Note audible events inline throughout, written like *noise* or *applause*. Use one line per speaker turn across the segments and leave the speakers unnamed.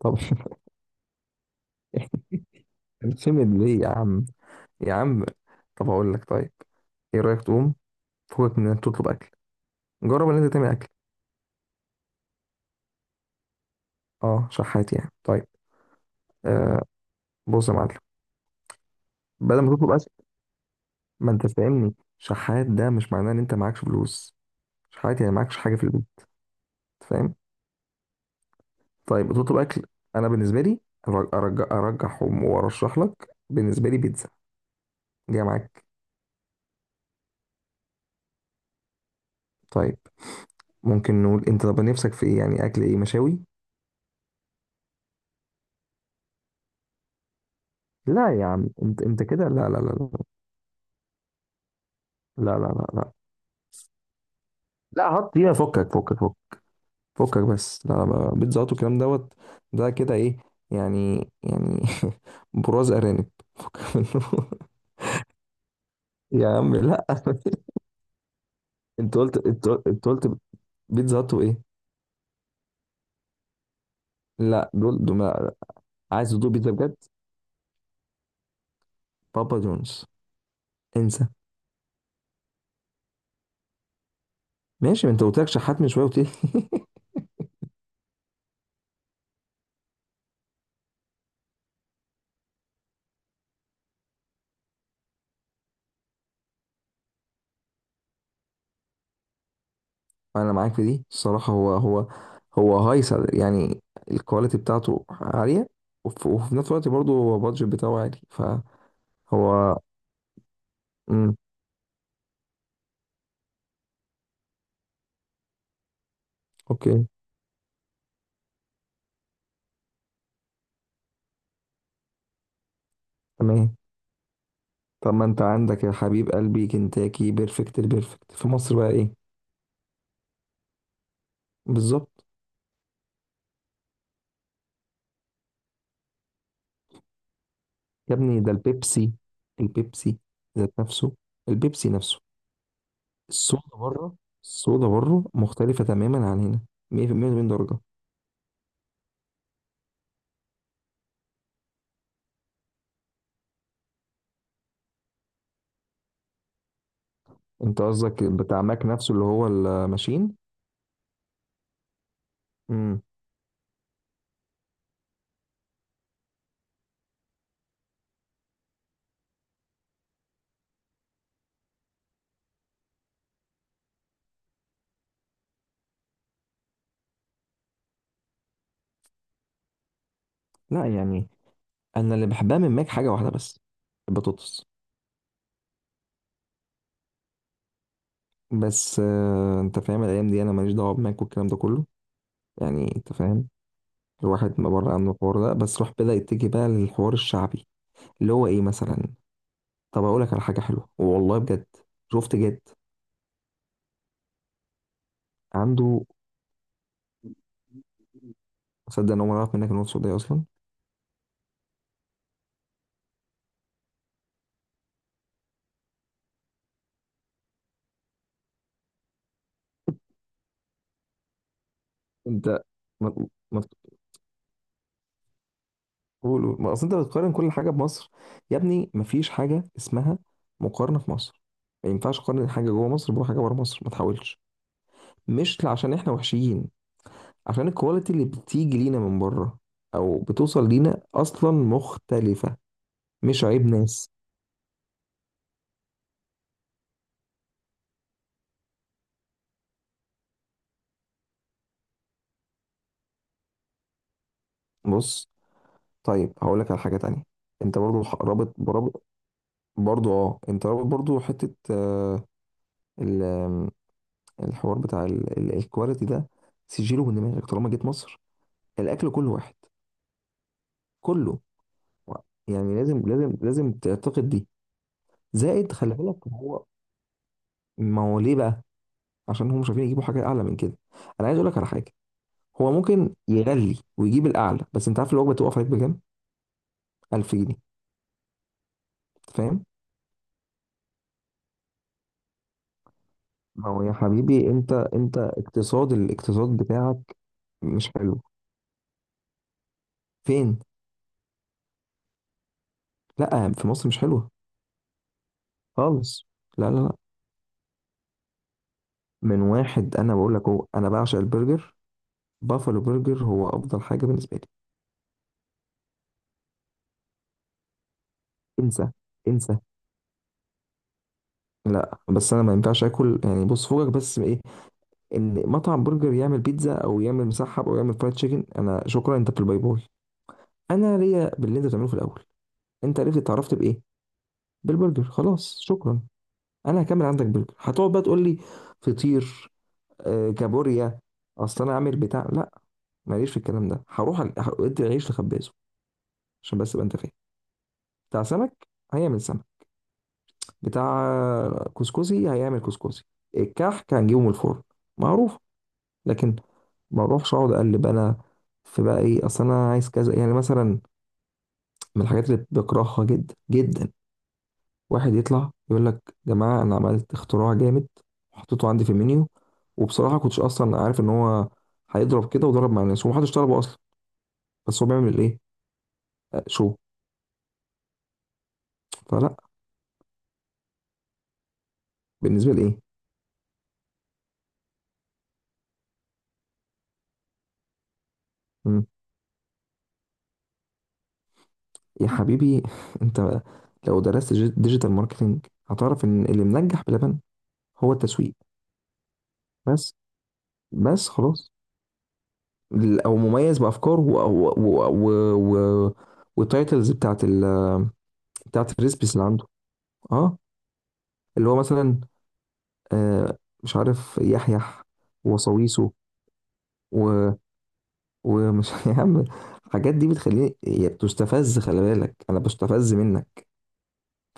طب. *laughs* اعتمد ليه يا عم؟ يا عم، طب هقول لك. طيب ايه رايك تقوم فوقك من انك تطلب اكل؟ جرب ان انت تعمل اكل. اه، شحات يعني؟ طيب. آه، بص يا معلم، بدل ما تطلب اكل، ما انت فاهمني، شحات ده مش معناه ان انت معكش فلوس. شحات يعني معكش حاجه في البيت، فاهم؟ طيب تطلب اكل. انا بالنسبه لي أرج- ارجع ارجح وارشح لك، بالنسبه لي بيتزا جايه معاك. طيب، ممكن نقول انت طب نفسك في ايه؟ يعني اكل ايه، مشاوي؟ لا يا عم، انت كده. لا لا لا، لا لا لا لا لا حط فيها. فكك فكك فكك فكك بس. لا لا بقى، بيتزا هات والكلام دوت ده كده ايه يعني؟ يعني *laughs* براز ارانب. فكك منه. *laughs* يا عم لا. *laughs* انت قلت، انت قلت، انت قلت بيتزا هات وايه؟ لا دول دول لا. عايز تدوق بيتزا بجد؟ بابا جونز. انسى. ماشي، ما انت قلت لك شحات من شويه، قلت لي. *laughs* انا معاك في دي الصراحه. هو هو هايصه يعني. الكواليتي بتاعته عاليه، وفي نفس الوقت برضه هو البادجت بتاعه عالي. فهو. امم. اوكي. تمام. طب ما انت عندك يا حبيب قلبي كنتاكي، بيرفكت البيرفكت في مصر بقى ايه؟ بالظبط. يا ابني ده البيبسي، البيبسي ذات نفسه، البيبسي نفسه. الصودا بره، الصودا بره مختلفة تماما عن هنا، 180 درجة. انت قصدك بتاع ماك نفسه اللي هو الماشين. امم. لا يعني، انا اللي بحبها من ماك حاجة واحدة بس، البطاطس. بس انت فاهم، الايام دي انا ماليش دعوة بماك والكلام ده كله. يعني انت فاهم. الواحد ما بره عنه الحوار ده، بس راح بدأ يتجه بقى للحوار الشعبي، اللي هو ايه مثلا؟ طب اقول لك على حاجه حلوه والله بجد. شفت جد؟ عنده. صدق ان هو ما يعرف منك ان هو سعودي اصلا. انت ما، ما تقول، ما اصل انت بتقارن كل حاجه بمصر. يا ابني، ما فيش حاجه اسمها مقارنه في مصر. ما ينفعش تقارن حاجه جوه مصر بحاجه بره مصر. ما تحاولش. مش عشان احنا وحشيين، عشان الكواليتي اللي بتيجي لينا من بره او بتوصل لينا اصلا مختلفه. مش عيب ناس. بص، طيب هقول لك على حاجه تانية. انت برضو رابط برابط. برضو اه، انت رابط برضو حته، آه، ال- آم، الحوار بتاع الكواليتي ده، سجله من دماغك. طالما جيت مصر الاكل كله واحد، كله. و- يعني لازم لازم لازم تعتقد دي. زائد خلي بالك هو، ما هو ليه بقى؟ عشان هم مش عارفين يجيبوا حاجه اعلى من كده. انا عايز اقول لك على حاجه. هو ممكن يغلي ويجيب الاعلى، بس انت عارف الوجبه تقف عليك بكام؟ 1000 جنيه. فاهم؟ ما هو يا حبيبي انت، انت اقتصاد الاقتصاد بتاعك. مش حلو. فين؟ لا، في مصر مش حلوه خالص. لا لا لا، من واحد انا بقول لك، هو انا بعشق البرجر. بافلو برجر هو افضل حاجه بالنسبه لي. انسى. انسى. لا بس انا ما ينفعش اكل يعني. بص فوقك بس من ايه؟ ان مطعم برجر يعمل بيتزا او يعمل مسحب او يعمل فرايد تشيكن، انا شكرا، انت في الباي باي. انا ليا باللي انت بتعمله في الاول. انت عرفت اتعرفت بايه؟ بالبرجر، خلاص شكرا. انا هكمل عندك برجر، هتقعد بقى تقول لي فطير، كابوريا. اصل انا عامل بتاع لا، ماليش في الكلام ده. هروح ادي العيش لخبازه عشان بس ابقى انت فاهم. بتاع سمك هيعمل سمك، بتاع كسكسي هيعمل كسكسي، الكحك هنجيبه من الفرن، معروف. لكن ما اروحش اقعد اقلب انا في بقى ايه؟ اصل انا عايز كذا يعني مثلا. من الحاجات اللي بكرهها جدا جدا، واحد يطلع يقول لك يا جماعه، انا عملت اختراع جامد وحطيته عندي في المنيو، وبصراحه كنتش اصلا عارف ان هو هيضرب كده، وضرب مع الناس ومحدش طلبه اصلا. بس هو بيعمل ايه؟ شو. فلا. بالنسبه لايه؟ مم. يا حبيبي، *laughs* انت لو درست ديجيتال ماركتنج هتعرف ان اللي منجح بلبن هو التسويق بس. بس خلاص. او مميز بافكاره و والتايتلز بتاعت ال، بتاعت الريسبيس اللي عنده. اه، اللي هو مثلا آه مش عارف يحيح وصويسه، و، ومش *laughs* يا عم. الحاجات دي بتخليني، هي بتستفز. خلي بالك انا بستفز منك.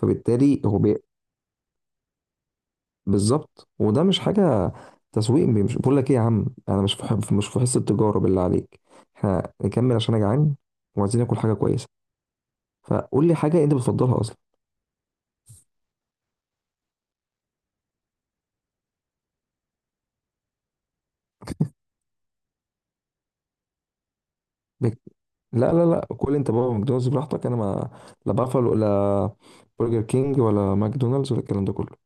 فبالتالي هو بالظبط. وده مش حاجه تسويق. مش بقول لك ايه يا عم، انا مش في حب مش في حصه التجاره بالله عليك. احنا نكمل عشان انا جعان، وعايزين ناكل حاجه كويسه. فقول لي حاجه انت بتفضلها اصلا. بك- لا لا لا، كل انت بابا ماكدونالدز براحتك. انا ما، لا بافالو ولا برجر كينج ولا ماكدونالدز ولا الكلام ده كله،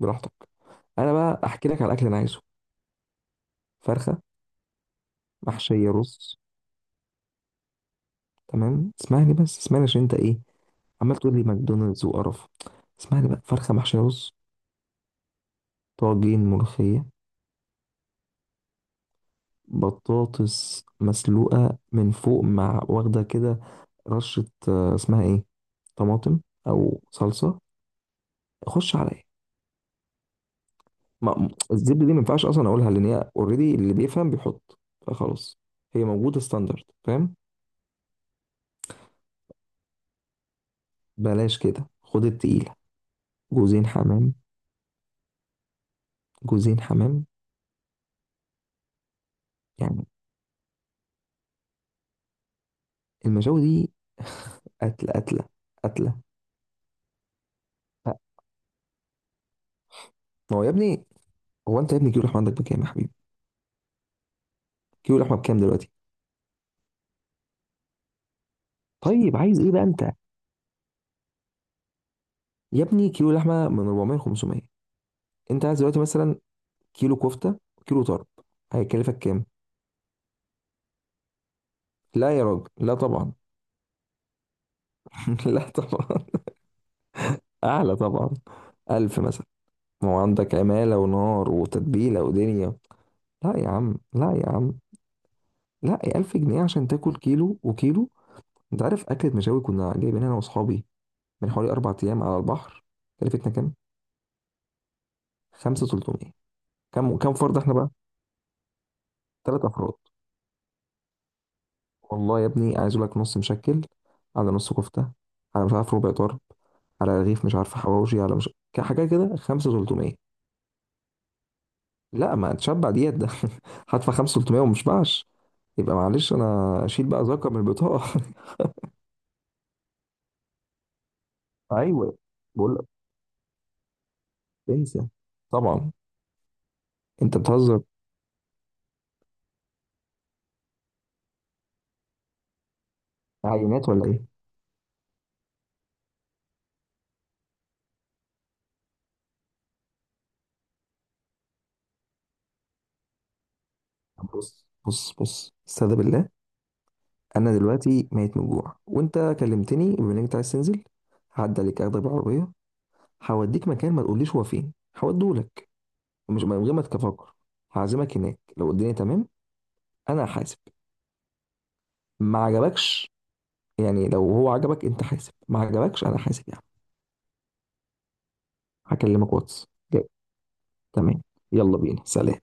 براحتك. انا بقى احكي لك على الاكل اللي انا عايزه. فرخه محشيه رز، تمام. اسمعني بس، اسمعني عشان انت ايه عمال تقول لي ماكدونالدز وقرف. اسمعني بقى، فرخه محشيه رز، طاجين ملوخيه، بطاطس مسلوقة من فوق مع واخدة كده رشة، اسمها ايه، طماطم او صلصة. خش على ايه؟ ما الزبدة دي ما ينفعش اصلا اقولها، لان هي اوريدي اللي بيفهم بيحط، فخلاص، هي موجودة ستاندرد، فاهم؟ بلاش كده، خد التقيلة، جوزين حمام، جوزين حمام، يعني. المشاوي دي قتلة، قتلة، قتلة. لا، ما هو يا ابني، هو انت يا ابني كيلو لحمة عندك بكام يا حبيبي؟ كيلو لحمة بكام دلوقتي؟ طيب عايز ايه بقى انت؟ يا ابني كيلو لحمه من 400 500. انت عايز دلوقتي مثلا كيلو كفته وكيلو طرب، هيكلفك كام؟ لا يا راجل لا طبعا. *laughs* لا طبعا. اعلى طبعا. ألف مثلا. ما هو عندك عماله ونار وتتبيله ودنيا. لا يا عم لا يا عم، لا يا ألف جنيه عشان تاكل كيلو وكيلو. انت عارف اكله مشاوي كنا جايبين انا واصحابي من حوالي 4 ايام على البحر، كلفتنا كام؟ 5300. كام، كام فرد احنا بقى؟ 3 افراد. والله يا ابني عايز اقول لك نص مشكل على نص كفته، على مش عارف ربع طرب، على رغيف مش عارف حواوشي، على مش حاجه كده، 5300. لا ما تشبع ديت ده. *laughs* هدفع 5300 وما اشبعش، يبقى معلش انا اشيل بقى زكاه من البطاقه. *laughs* ايوه. بقول لك انسى طبعا. انت بتهزر. عينات ولا ايه؟ طب بص بص بص استهدى بالله، انا دلوقتي ميت من الجوع، وانت كلمتني بما انك أنت عايز تنزل. هعدي عليك، اخدك بالعربيه، هوديك مكان ما تقوليش هو فين، هوديهولك. ومش من غير ما تفكر هعزمك هناك. لو الدنيا تمام انا حاسب، ما عجبكش، يعني لو هو عجبك انت حاسب، ما عجبكش انا حاسب، يعني. هكلمك واتس. جاي. تمام، يلا بينا، سلام.